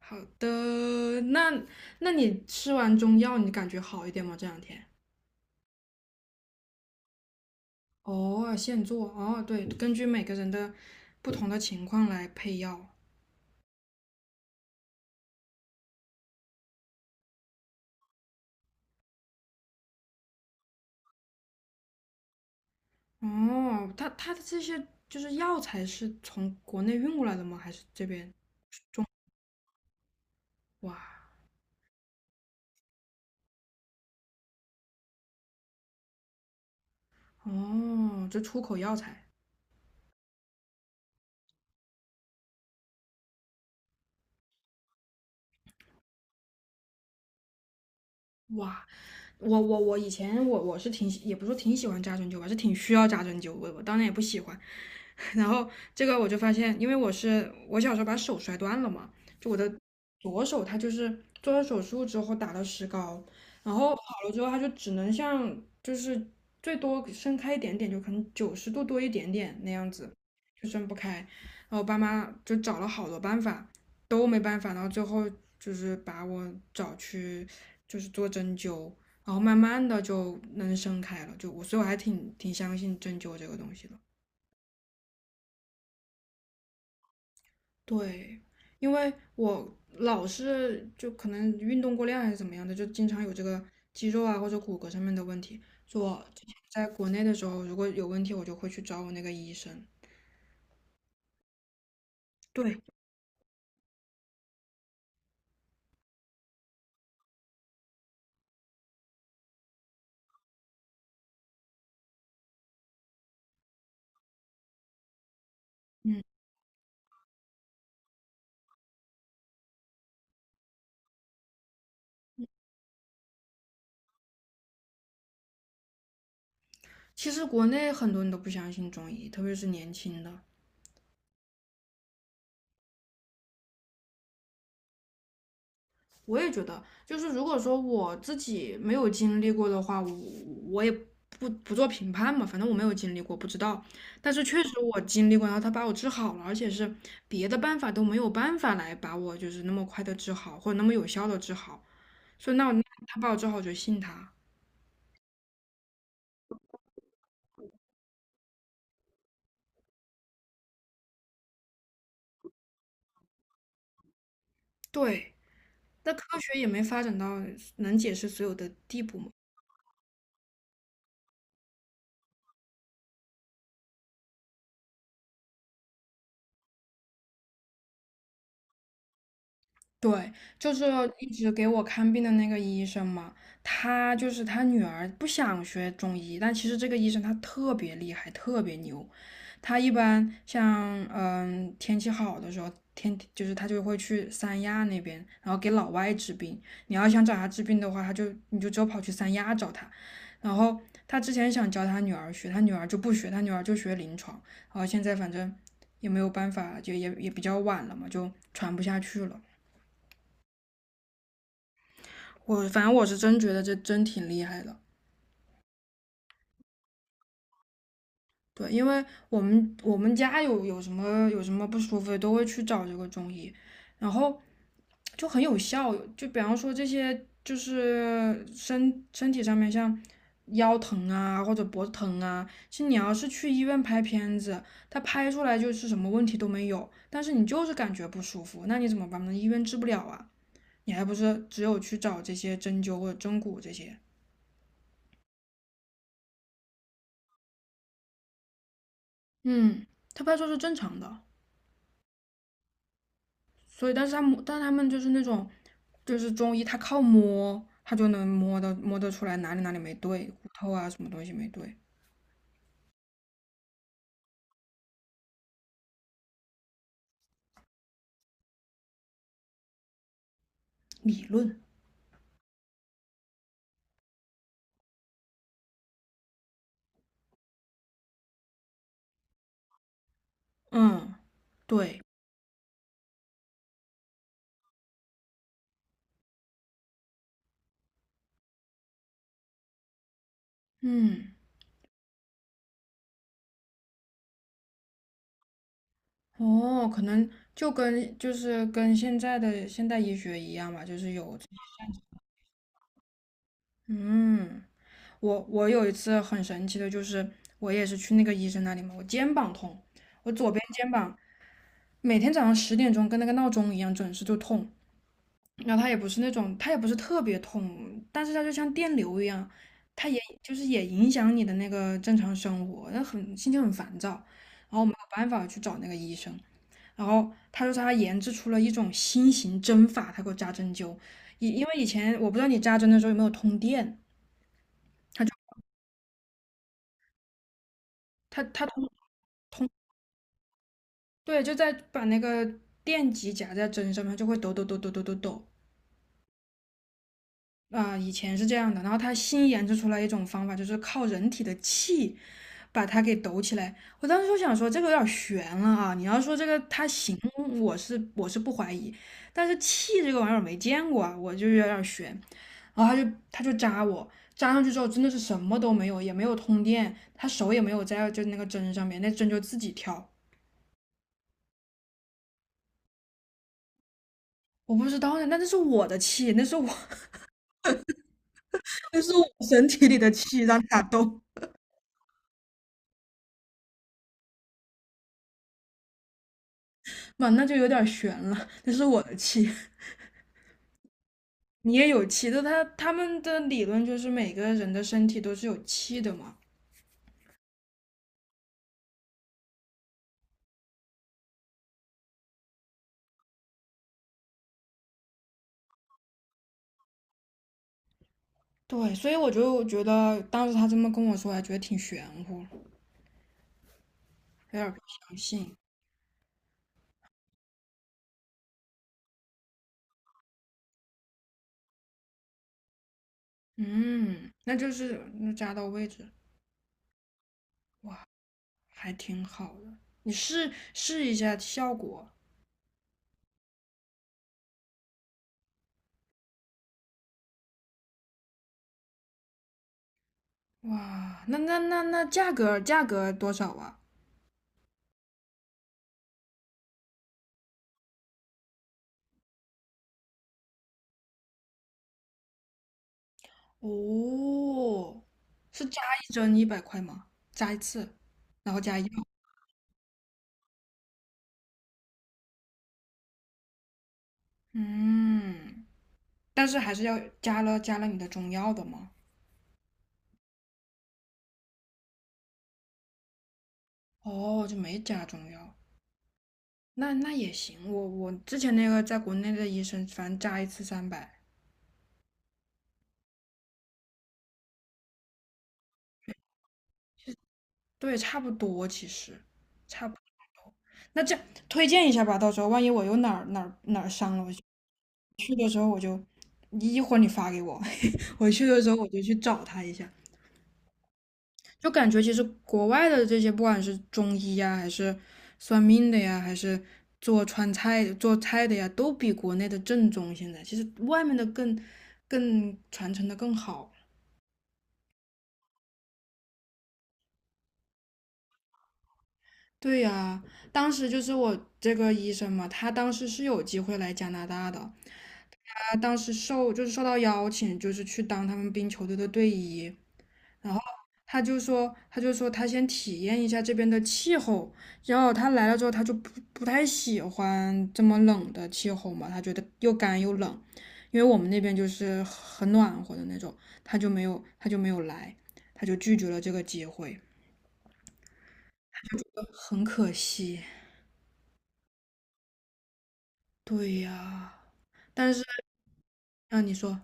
好的，那你吃完中药，你感觉好一点吗？这两天？哦，现做哦，对，根据每个人的不同的情况来配药。哦，它的这些就是药材是从国内运过来的吗？还是这边？哇，哦，这出口药材。哇，我以前我是也不是说挺喜欢扎针灸吧，是挺需要扎针灸，我当然也不喜欢。然后这个我就发现，因为我小时候把手摔断了嘛，就我的左手它就是做了手术之后打了石膏，然后好了之后它就只能像就是最多伸开一点点，就可能90度多一点点那样子，就伸不开。然后我爸妈就找了好多办法，都没办法，到最后就是把我找去就是做针灸，然后慢慢的就能生开了，所以我还挺相信针灸这个东西的。对，因为我老是就可能运动过量还是怎么样的，就经常有这个肌肉啊或者骨骼上面的问题。就我之前在国内的时候，如果有问题，我就会去找我那个医生。对，其实国内很多人都不相信中医，特别是年轻的。我也觉得，就是如果说我自己没有经历过的话，我也不做评判嘛，反正我没有经历过，不知道。但是确实我经历过，然后他把我治好了，而且是别的办法都没有办法来把我就是那么快的治好，或者那么有效的治好。所以那他把我治好，我就信他。对，那科学也没发展到能解释所有的地步嘛。对，就是一直给我看病的那个医生嘛，他就是他女儿不想学中医，但其实这个医生他特别厉害，特别牛。他一般像天气好的时候，就是他就会去三亚那边，然后给老外治病。你要想找他治病的话，你就只有跑去三亚找他。然后他之前想教他女儿学，他女儿就不学，他女儿就学临床。然后现在反正也没有办法，就也比较晚了嘛，就传不下去了。我反正我是真觉得这真挺厉害的。对，因为我们家有有什么有什么不舒服都会去找这个中医，然后就很有效。就比方说这些，就是身体上面像腰疼啊或者脖子疼啊，其实你要是去医院拍片子，他拍出来就是什么问题都没有，但是你就是感觉不舒服，那你怎么办呢？医院治不了啊，你还不是只有去找这些针灸或者针骨这些。嗯，他拍出来是正常的。所以但是他摸，但他们就是那种就是中医，他靠摸，他就能摸得出来哪里哪里没对，骨头啊什么东西没对。理论。嗯，对，嗯，哦，可能就是跟现在的现代医学一样吧，就是有，嗯，我有一次很神奇的，就是我也是去那个医生那里嘛，我肩膀痛，我左边肩膀每天早上10点钟跟那个闹钟一样准时就痛，然后它也不是那种，它也不是特别痛，但是它就像电流一样，它也就是也影响你的那个正常生活，那很心情很烦躁，然后我没有办法去找那个医生，然后他说他研制出了一种新型针法，他给我扎针灸，因为以前我不知道你扎针的时候有没有通电，他他通对就在把那个电极夹在针上面，它就会抖抖抖抖抖抖抖，啊、以前是这样的，然后他新研制出来一种方法，就是靠人体的气把它给抖起来。我当时就想说，这个有点悬了啊！你要说这个它行，我是不怀疑，但是气这个玩意儿没见过啊，我就有点悬。然后他就扎我，扎上去之后真的是什么都没有，也没有通电，他手也没有在就那个针上面，那针就自己跳。我不知道呢，那这是我的气，那是我 那是我身体里的气让他动，妈，那就有点悬了，那是我的气。你也有气的，他他们的理论就是每个人的身体都是有气的嘛。对，所以我就觉得当时他这么跟我说，还觉得挺玄乎，有点不相信。嗯，那就是那扎到位置，还挺好的。你试试一下效果。哇，那价格多少啊？哦，是扎一针100块吗？扎一次，然后加药。嗯，但是还是要加了你的中药的吗？哦，就没加中药，那那也行。我我之前那个在国内的医生，反正加一次300，对，差不多其实，差不多。那这样推荐一下吧，到时候万一我又哪儿哪儿哪儿伤了，我去的时候我就，一会儿你发给我，我去的时候我就去找他一下。就感觉其实国外的这些，不管是中医呀，还是算命的呀，还是做川菜做菜的呀，都比国内的正宗。现在其实外面的更传承的更好。对呀，当时就是我这个医生嘛，他当时是有机会来加拿大的，他当时就是受到邀请，就是去当他们冰球队的队医。然后他就说，他就说他先体验一下这边的气候，然后他来了之后，他就不太喜欢这么冷的气候嘛，他觉得又干又冷，因为我们那边就是很暖和的那种，他就没有来，他就拒绝了这个机会，很可惜。对呀，但是啊，你说，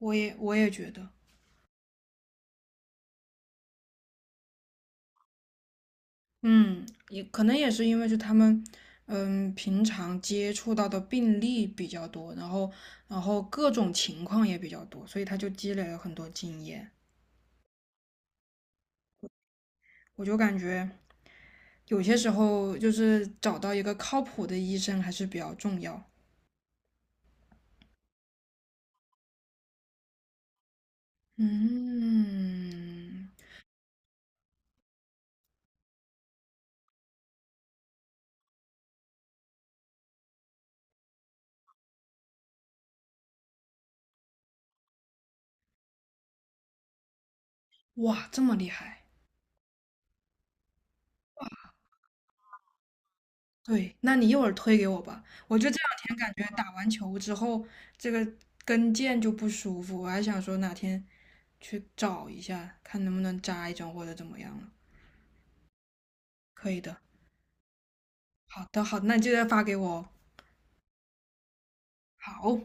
我也觉得。嗯，也可能也是因为就他们，嗯，平常接触到的病例比较多，然后各种情况也比较多，所以他就积累了很多经验。我就感觉有些时候就是找到一个靠谱的医生还是比较重要。嗯，哇，这么厉害！对，那你一会儿推给我吧。我就这两天感觉打完球之后，这个跟腱就不舒服，我还想说哪天去找一下，看能不能扎一针或者怎么样了。可以的，好的，好的，那你记得发给我哦好。